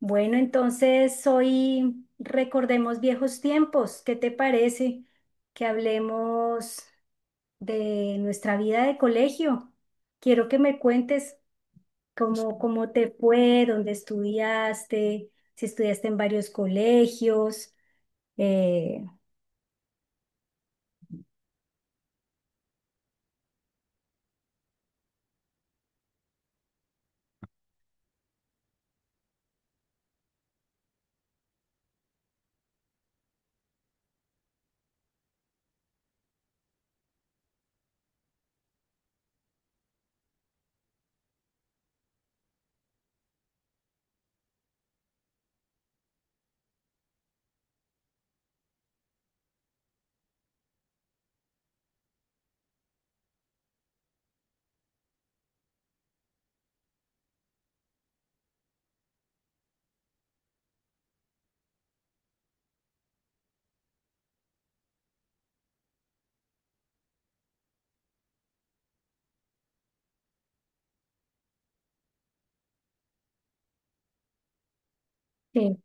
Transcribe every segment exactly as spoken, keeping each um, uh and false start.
Bueno, entonces hoy recordemos viejos tiempos. ¿Qué te parece que hablemos de nuestra vida de colegio? Quiero que me cuentes cómo, cómo te fue, dónde estudiaste, si estudiaste en varios colegios, eh, sí,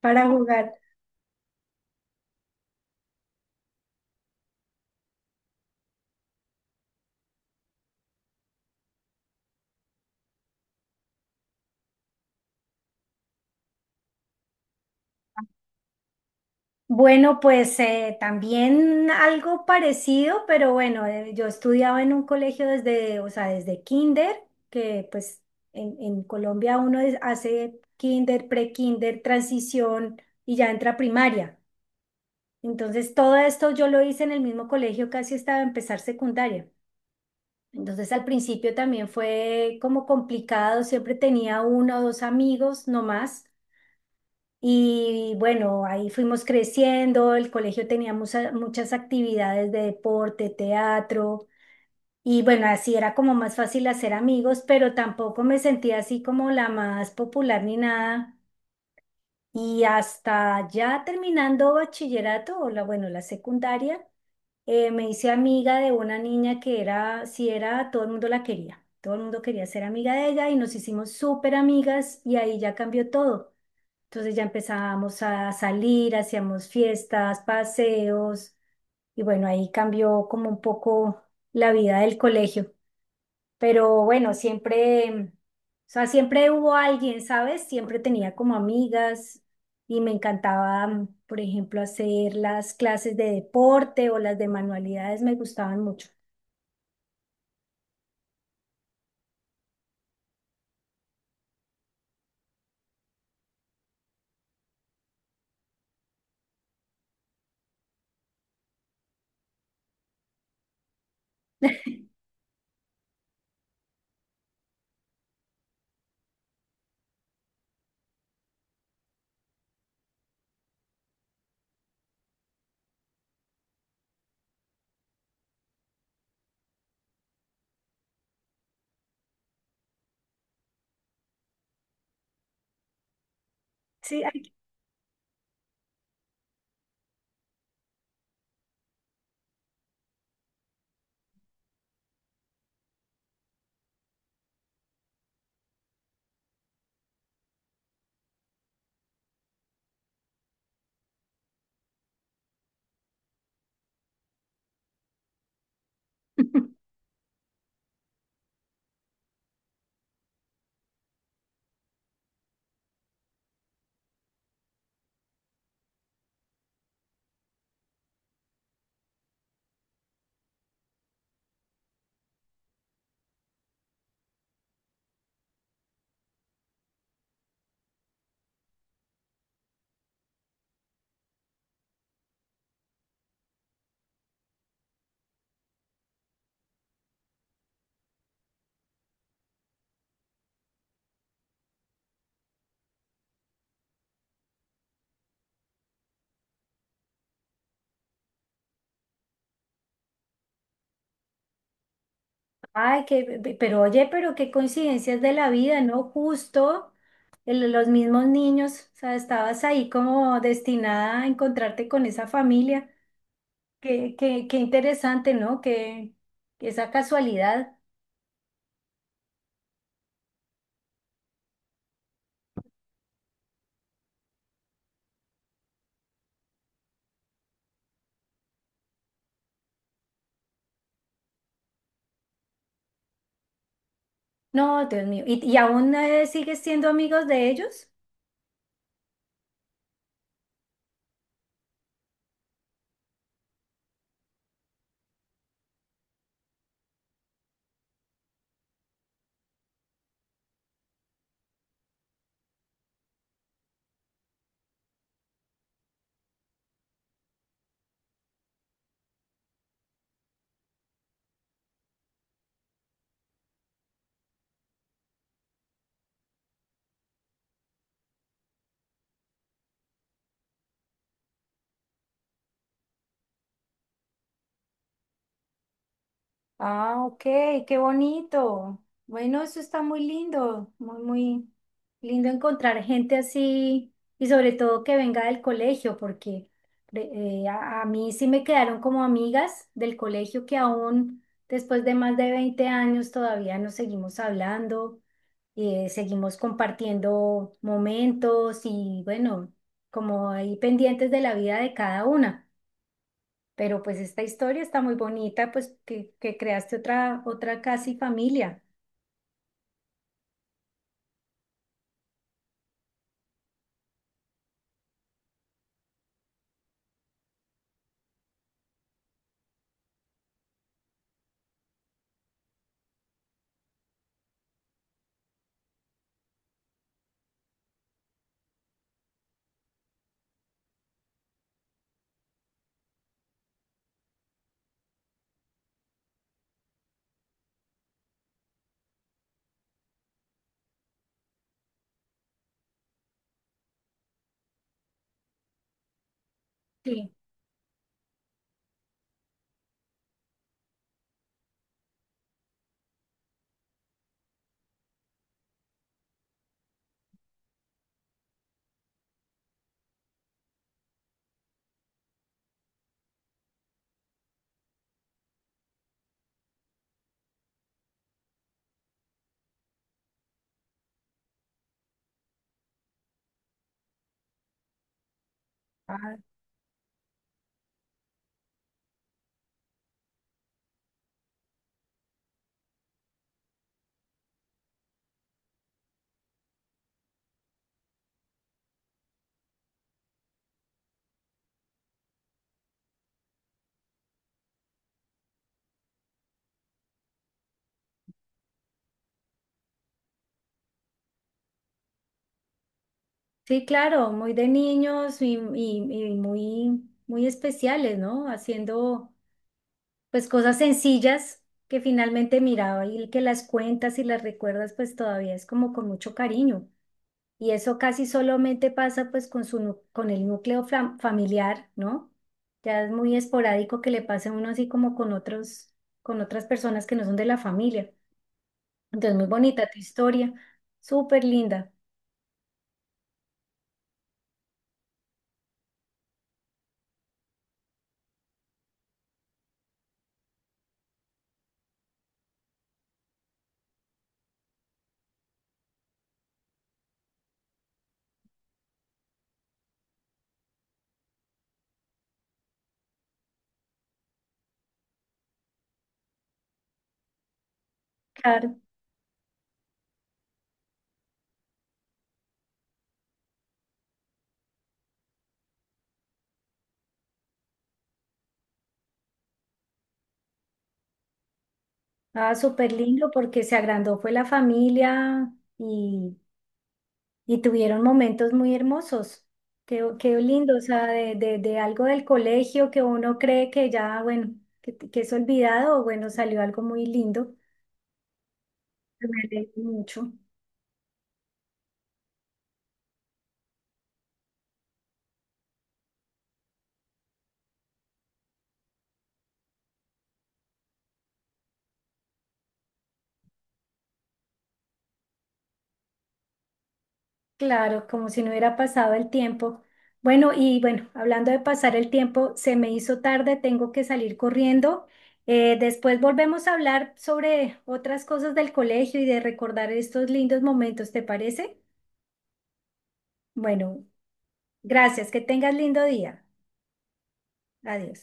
para jugar. Bueno, pues eh, también algo parecido, pero bueno, eh, yo estudiaba en un colegio desde, o sea, desde kinder, que pues en, en Colombia uno es- hace kinder, pre-kinder, transición y ya entra a primaria. Entonces todo esto yo lo hice en el mismo colegio casi hasta empezar secundaria. Entonces al principio también fue como complicado, siempre tenía uno o dos amigos, no más. Y bueno, ahí fuimos creciendo, el colegio tenía mucha- muchas actividades de deporte, teatro, y bueno, así era como más fácil hacer amigos, pero tampoco me sentía así como la más popular ni nada. Y hasta ya terminando bachillerato, o la, bueno, la secundaria, eh, me hice amiga de una niña que era, si era, todo el mundo la quería, todo el mundo quería ser amiga de ella y nos hicimos súper amigas y ahí ya cambió todo. Entonces ya empezábamos a salir, hacíamos fiestas, paseos y bueno, ahí cambió como un poco la vida del colegio. Pero bueno, siempre, o sea, siempre hubo alguien, ¿sabes? Siempre tenía como amigas y me encantaba, mm, por ejemplo, hacer las clases de deporte o las de manualidades, me gustaban mucho. Sí, ay, Ay, que, pero oye, pero qué coincidencias de la vida, ¿no? Justo el- los mismos niños, o sea, estabas ahí como destinada a encontrarte con esa familia. Qué, qué, qué interesante, ¿no? Que esa casualidad. No, Dios mío. ¿Y, y aún eh, sigues siendo amigos de ellos? Ah, ok, qué bonito. Bueno, eso está muy lindo, muy, muy lindo encontrar gente así y sobre todo que venga del colegio, porque eh, eh, a, a mí sí me quedaron como amigas del colegio que aún después de más de veinte años todavía nos seguimos hablando, eh, seguimos compartiendo momentos y bueno, como ahí pendientes de la vida de cada una. Pero pues esta historia está muy bonita, pues que, que creaste otra, otra casi familia. Sí. Ah, sí, claro, muy de niños y, y- y muy, muy especiales, ¿no? Haciendo pues cosas sencillas que finalmente miraba y que las cuentas y las recuerdas pues todavía es como con mucho cariño. Y eso casi solamente pasa pues con su, nu- con el núcleo fam- familiar, ¿no? Ya es muy esporádico que le pase a uno así como con otros, con otras personas que no son de la familia. Entonces, muy bonita tu historia, súper linda. Claro, ah, súper lindo porque se agrandó fue la familia y, y tuvieron momentos muy hermosos. Qué, qué lindo, o sea, de, de, de algo del colegio que uno cree que ya, bueno, que, que es olvidado, bueno, salió algo muy lindo. Me alegro mucho. Claro, como si no hubiera pasado el tiempo. Bueno, y bueno, hablando de pasar el tiempo, se me hizo tarde, tengo que salir corriendo. Eh, después volvemos a hablar sobre otras cosas del colegio y de recordar estos lindos momentos, ¿te parece? Bueno, gracias, que tengas lindo día. Adiós.